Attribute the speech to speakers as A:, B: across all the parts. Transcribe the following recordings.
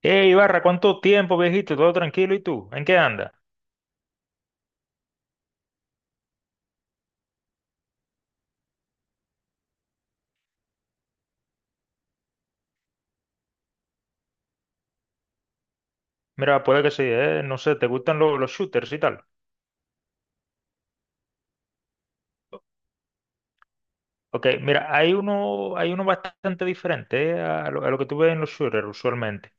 A: Hey, Ibarra, ¿cuánto tiempo, viejito? ¿Todo tranquilo? ¿Y tú? ¿En qué andas? Mira, puede que sí, no sé, ¿te gustan los shooters y tal? Ok, mira, hay uno bastante diferente a lo que tú ves en los shooters usualmente.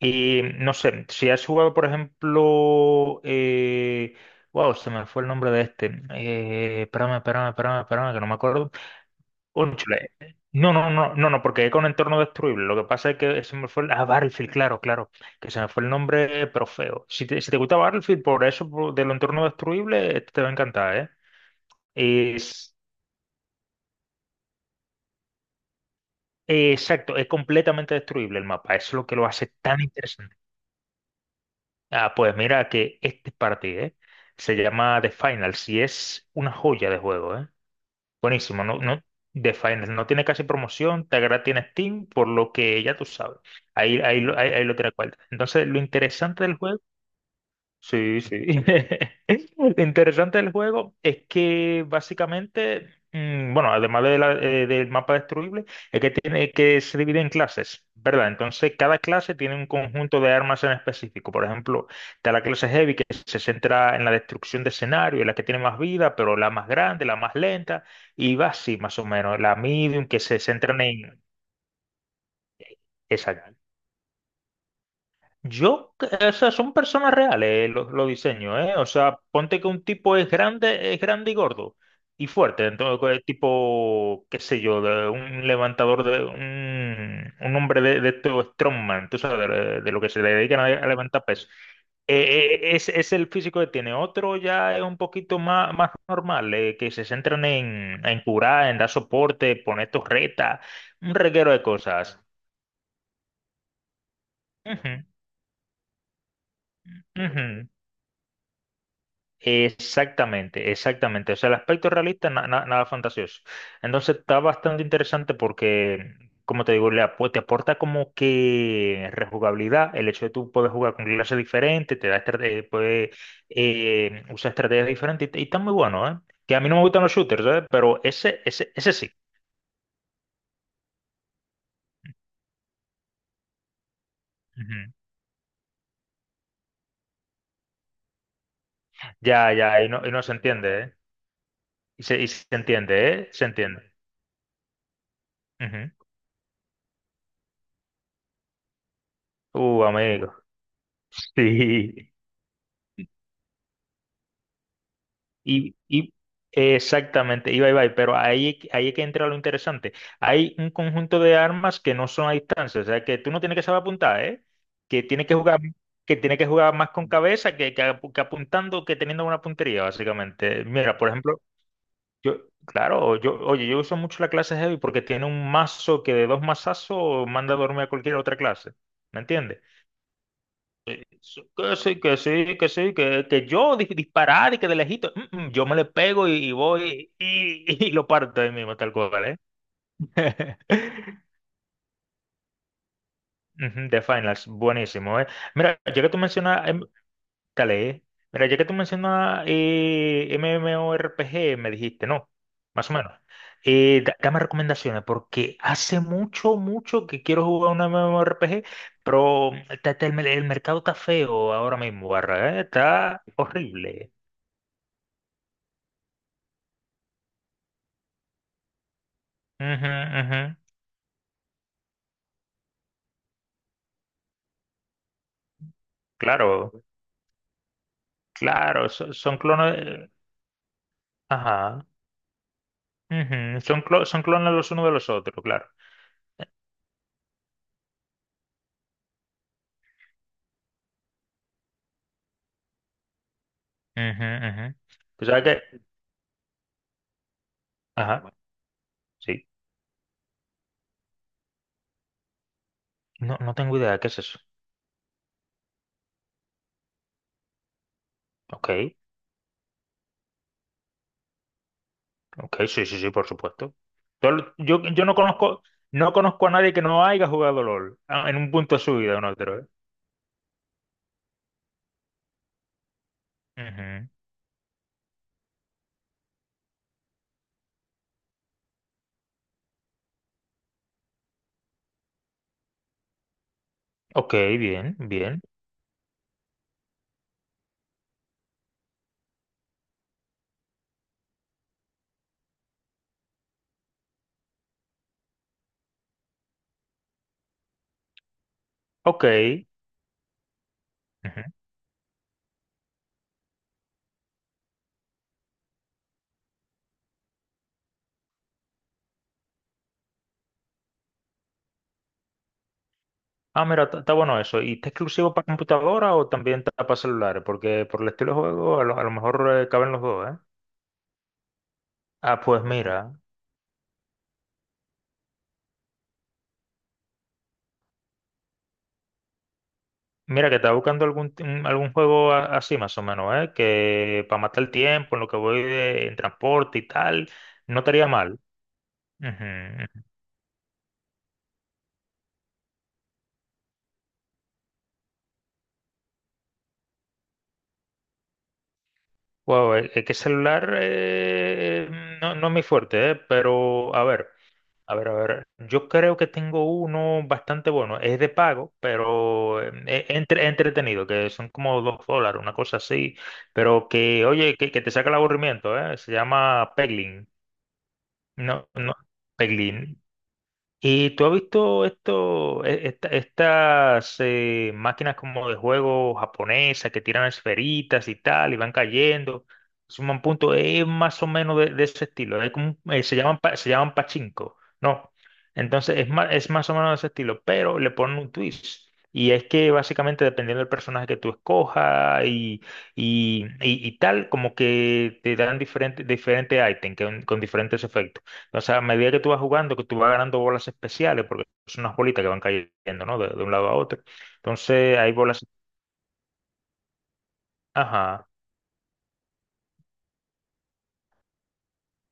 A: Y no sé, si has jugado, por ejemplo, wow, se me fue el nombre de este. Espérame, que no me acuerdo. Un chile. No, no, no, no, no, porque es con entorno destruible. Lo que pasa es que se me fue el. Ah, Battlefield, claro, claro. Que se me fue el nombre, pero feo. Si te gusta Battlefield, por eso, de lo entorno destruible, este te va a encantar, ¿eh? Es... Exacto, es completamente destruible el mapa. Eso es lo que lo hace tan interesante. Ah, pues mira que este partido, ¿eh? Se llama The Finals y es una joya de juego, ¿eh? Buenísimo, ¿no? ¿No? The Finest no tiene casi promoción, Tagra tiene Steam, por lo que ya tú sabes. Ahí, ahí lo tiene cual. Entonces, lo interesante del juego. Sí, sí. Lo interesante del juego es que básicamente, bueno, además de del mapa destruible, es que tiene que se divide en clases, ¿verdad? Entonces, cada clase tiene un conjunto de armas en específico. Por ejemplo, está la clase Heavy que se centra en la destrucción de escenario, es la que tiene más vida, pero la más grande, la más lenta, y va así más o menos. La Medium que se centra en... Exacto. Yo, o sea, son personas reales los diseños, ¿eh? O sea, ponte que un tipo es grande y gordo y fuerte, entonces tipo, qué sé yo, de un levantador de un hombre de estos strongman, tú sabes, de lo que se le dedican a levantar peso. Es el físico que tiene. Otro ya es un poquito más, más normal, que se centran en curar, en dar soporte, poner torretas, un reguero de cosas. Ujú, ujú. Exactamente, exactamente. O sea, el aspecto realista, nada fantasioso. Entonces está bastante interesante porque, como te digo, te aporta como que rejugabilidad, el hecho de tú poder jugar con clases diferentes, te da puedes usar estrategias diferentes y está muy bueno, ¿eh? Que a mí no me gustan los shooters, ¿eh? Pero ese ese sí. Ujú. Ya, ya, y no se entiende, ¿eh? Y se entiende, ¿eh? Se entiende. Ujú. Amigo. Sí. Y exactamente, iba y va, pero ahí, ahí es que entra lo interesante. Hay un conjunto de armas que no son a distancia, o sea, que tú no tienes que saber apuntar, ¿eh? Que tienes que jugar, que tienes que jugar más con cabeza que, que apuntando que teniendo una puntería, básicamente. Mira, por ejemplo, yo, claro, yo, oye, yo uso mucho la clase Heavy porque tiene un mazo que de dos mazazos manda a dormir a cualquier otra clase, ¿me entiendes? Sí, que sí, que sí, que sí, que yo disparar y que de lejito, yo me le pego y voy y lo parto ahí mismo, tal cual, ¿eh? Ujú, The Finals, buenísimo, ¿eh? Mira, ya que tú mencionas, dale, ¿eh? Mira, ya que tú mencionas MMORPG, me dijiste, ¿no? Más o menos. Dame recomendaciones, porque hace mucho, mucho que quiero jugar un MMORPG, pero el mercado está feo ahora mismo, barra, ¿eh? Está horrible. Ujú, ujú. Claro, claro, son clones. Ajá. Ujú, son, son clones los unos de los otros, claro. Ujú, ujú. Tú sabes que. Ajá, sí. No, no tengo idea de qué es eso. Ok, ok, sí, sí, sí, por supuesto. Yo no conozco, no conozco a nadie que no haya jugado LOL ah, en un punto de su vida o en otro, ¿eh? Ujú. Ok, bien, bien. Ok. Ah, mira, está está bueno eso. ¿Y está exclusivo para computadora o también está para celulares? Porque por el estilo de juego a lo mejor caben los dos, ¿eh? Ah, pues mira, mira que estaba buscando algún, algún juego así más o menos, ¿eh? Que para matar el tiempo, en lo que voy en transporte y tal, no estaría mal. Ujú. Wow, es que celular no, no es mi fuerte, ¿eh? Pero a ver. A ver, a ver, yo creo que tengo uno bastante bueno, es de pago, pero es entretenido, que son como dos dólares, una cosa así, pero que, oye, que te saca el aburrimiento, ¿eh? Se llama Peglin, no, no, Peglin. ¿Y tú has visto esto, estas máquinas como de juego japonesas que tiran esferitas y tal y van cayendo? Suman puntos, es más o menos de ese estilo. Es como se llaman, se llaman pachinko, ¿no? Entonces es más o menos de ese estilo, pero le ponen un twist. Y es que básicamente dependiendo del personaje que tú escojas y, y tal, como que te dan diferentes diferentes ítems con diferentes efectos. O sea, a medida que tú vas jugando, que tú vas ganando bolas especiales, porque son unas bolitas que van cayendo, ¿no? De un lado a otro. Entonces, hay bolas. Ajá.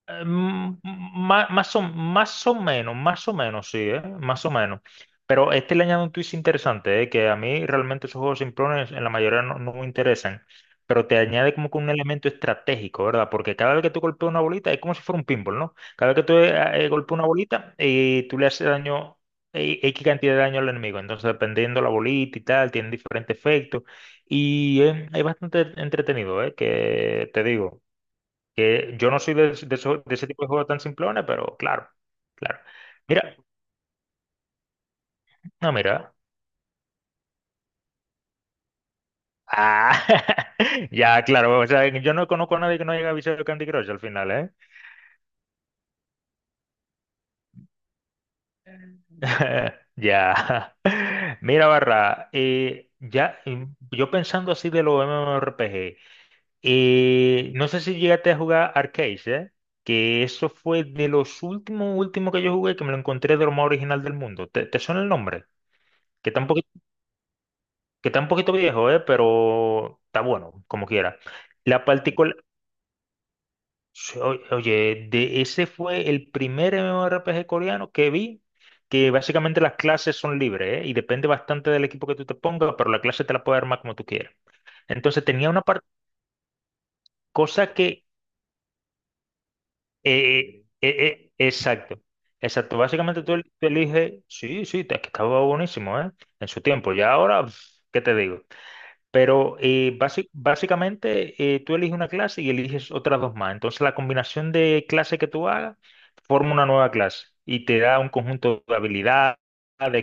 A: Más, o, más o menos, sí, más o menos. Pero este le añade un twist interesante, que a mí realmente esos juegos simplones en la mayoría no, no me interesan, pero te añade como que un elemento estratégico, ¿verdad? Porque cada vez que tú golpeas una bolita es como si fuera un pinball, ¿no? Cada vez que tú golpeas una bolita y tú le haces daño, X cantidad de daño al enemigo. Entonces, dependiendo la bolita y tal, tiene diferentes efectos. Y es bastante entretenido, ¿eh? Que te digo. Que yo no soy de, de ese tipo de juegos tan simplones, pero claro, claro. Mira, no, mira. Ah, ya, claro, o sea, yo no conozco a nadie que no haya visto Candy Crush al final, ¿eh? Ya. Mira, Barra, ya, yo pensando así de los MMORPG, no sé si llegaste a jugar Arcade, ¿eh? Que eso fue de los últimos, últimos que yo jugué, que me lo encontré de lo más original del mundo. ¿Te, te suena el nombre? Que tampoco que está un poquito viejo, pero está bueno, como quiera. La partícula, oye, de ese fue el primer MMORPG coreano que vi, que básicamente las clases son libres, y depende bastante del equipo que tú te pongas, pero la clase te la puedes armar como tú quieras. Entonces tenía cosa que, exacto, exacto, básicamente tú tú eliges, sí, sí, es que estaba buenísimo, en su tiempo, ya ahora, pf, ¿qué te digo? Pero básicamente tú eliges una clase y eliges otras dos más. Entonces la combinación de clases que tú hagas forma una nueva clase y te da un conjunto de habilidades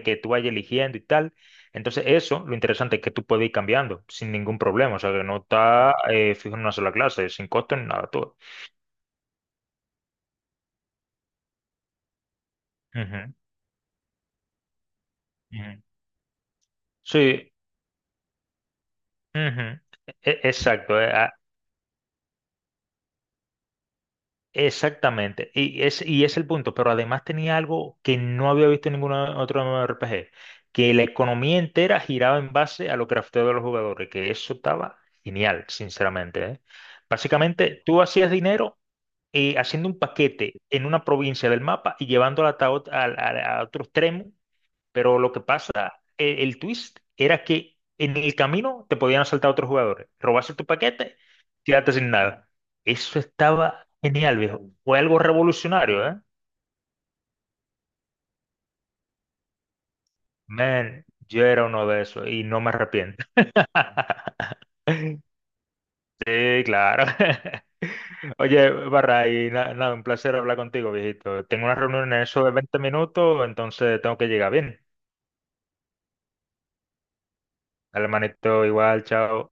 A: que tú vayas eligiendo y tal. Entonces eso, lo interesante es que tú puedes ir cambiando sin ningún problema. O sea, que no está fijo en una sola clase, sin costo ni nada, todo. Ujú, ujú. Sí, ujú. E- Exacto. eh, a- Exactamente, y es el punto, pero además tenía algo que no había visto en ningún otro R P G, que la economía entera giraba en base a lo crafteado de los jugadores, que eso estaba genial, sinceramente, ¿eh? Básicamente, tú hacías dinero haciendo un paquete en una provincia del mapa y llevando el ataúd a, otro extremo, pero lo que pasa, twist era que en el camino te podían asaltar otros jugadores, robarse tu paquete, quedarte sin nada. Eso estaba genial, viejo. Fue algo revolucionario, ¿eh? Man, yo era uno de esos y no me arrepiento. Sí, claro. Oye, Barra, y nada, un placer hablar contigo, viejito. Tengo una reunión en eso de 20 minutos, entonces tengo que llegar bien. Dale, manito, igual, chao.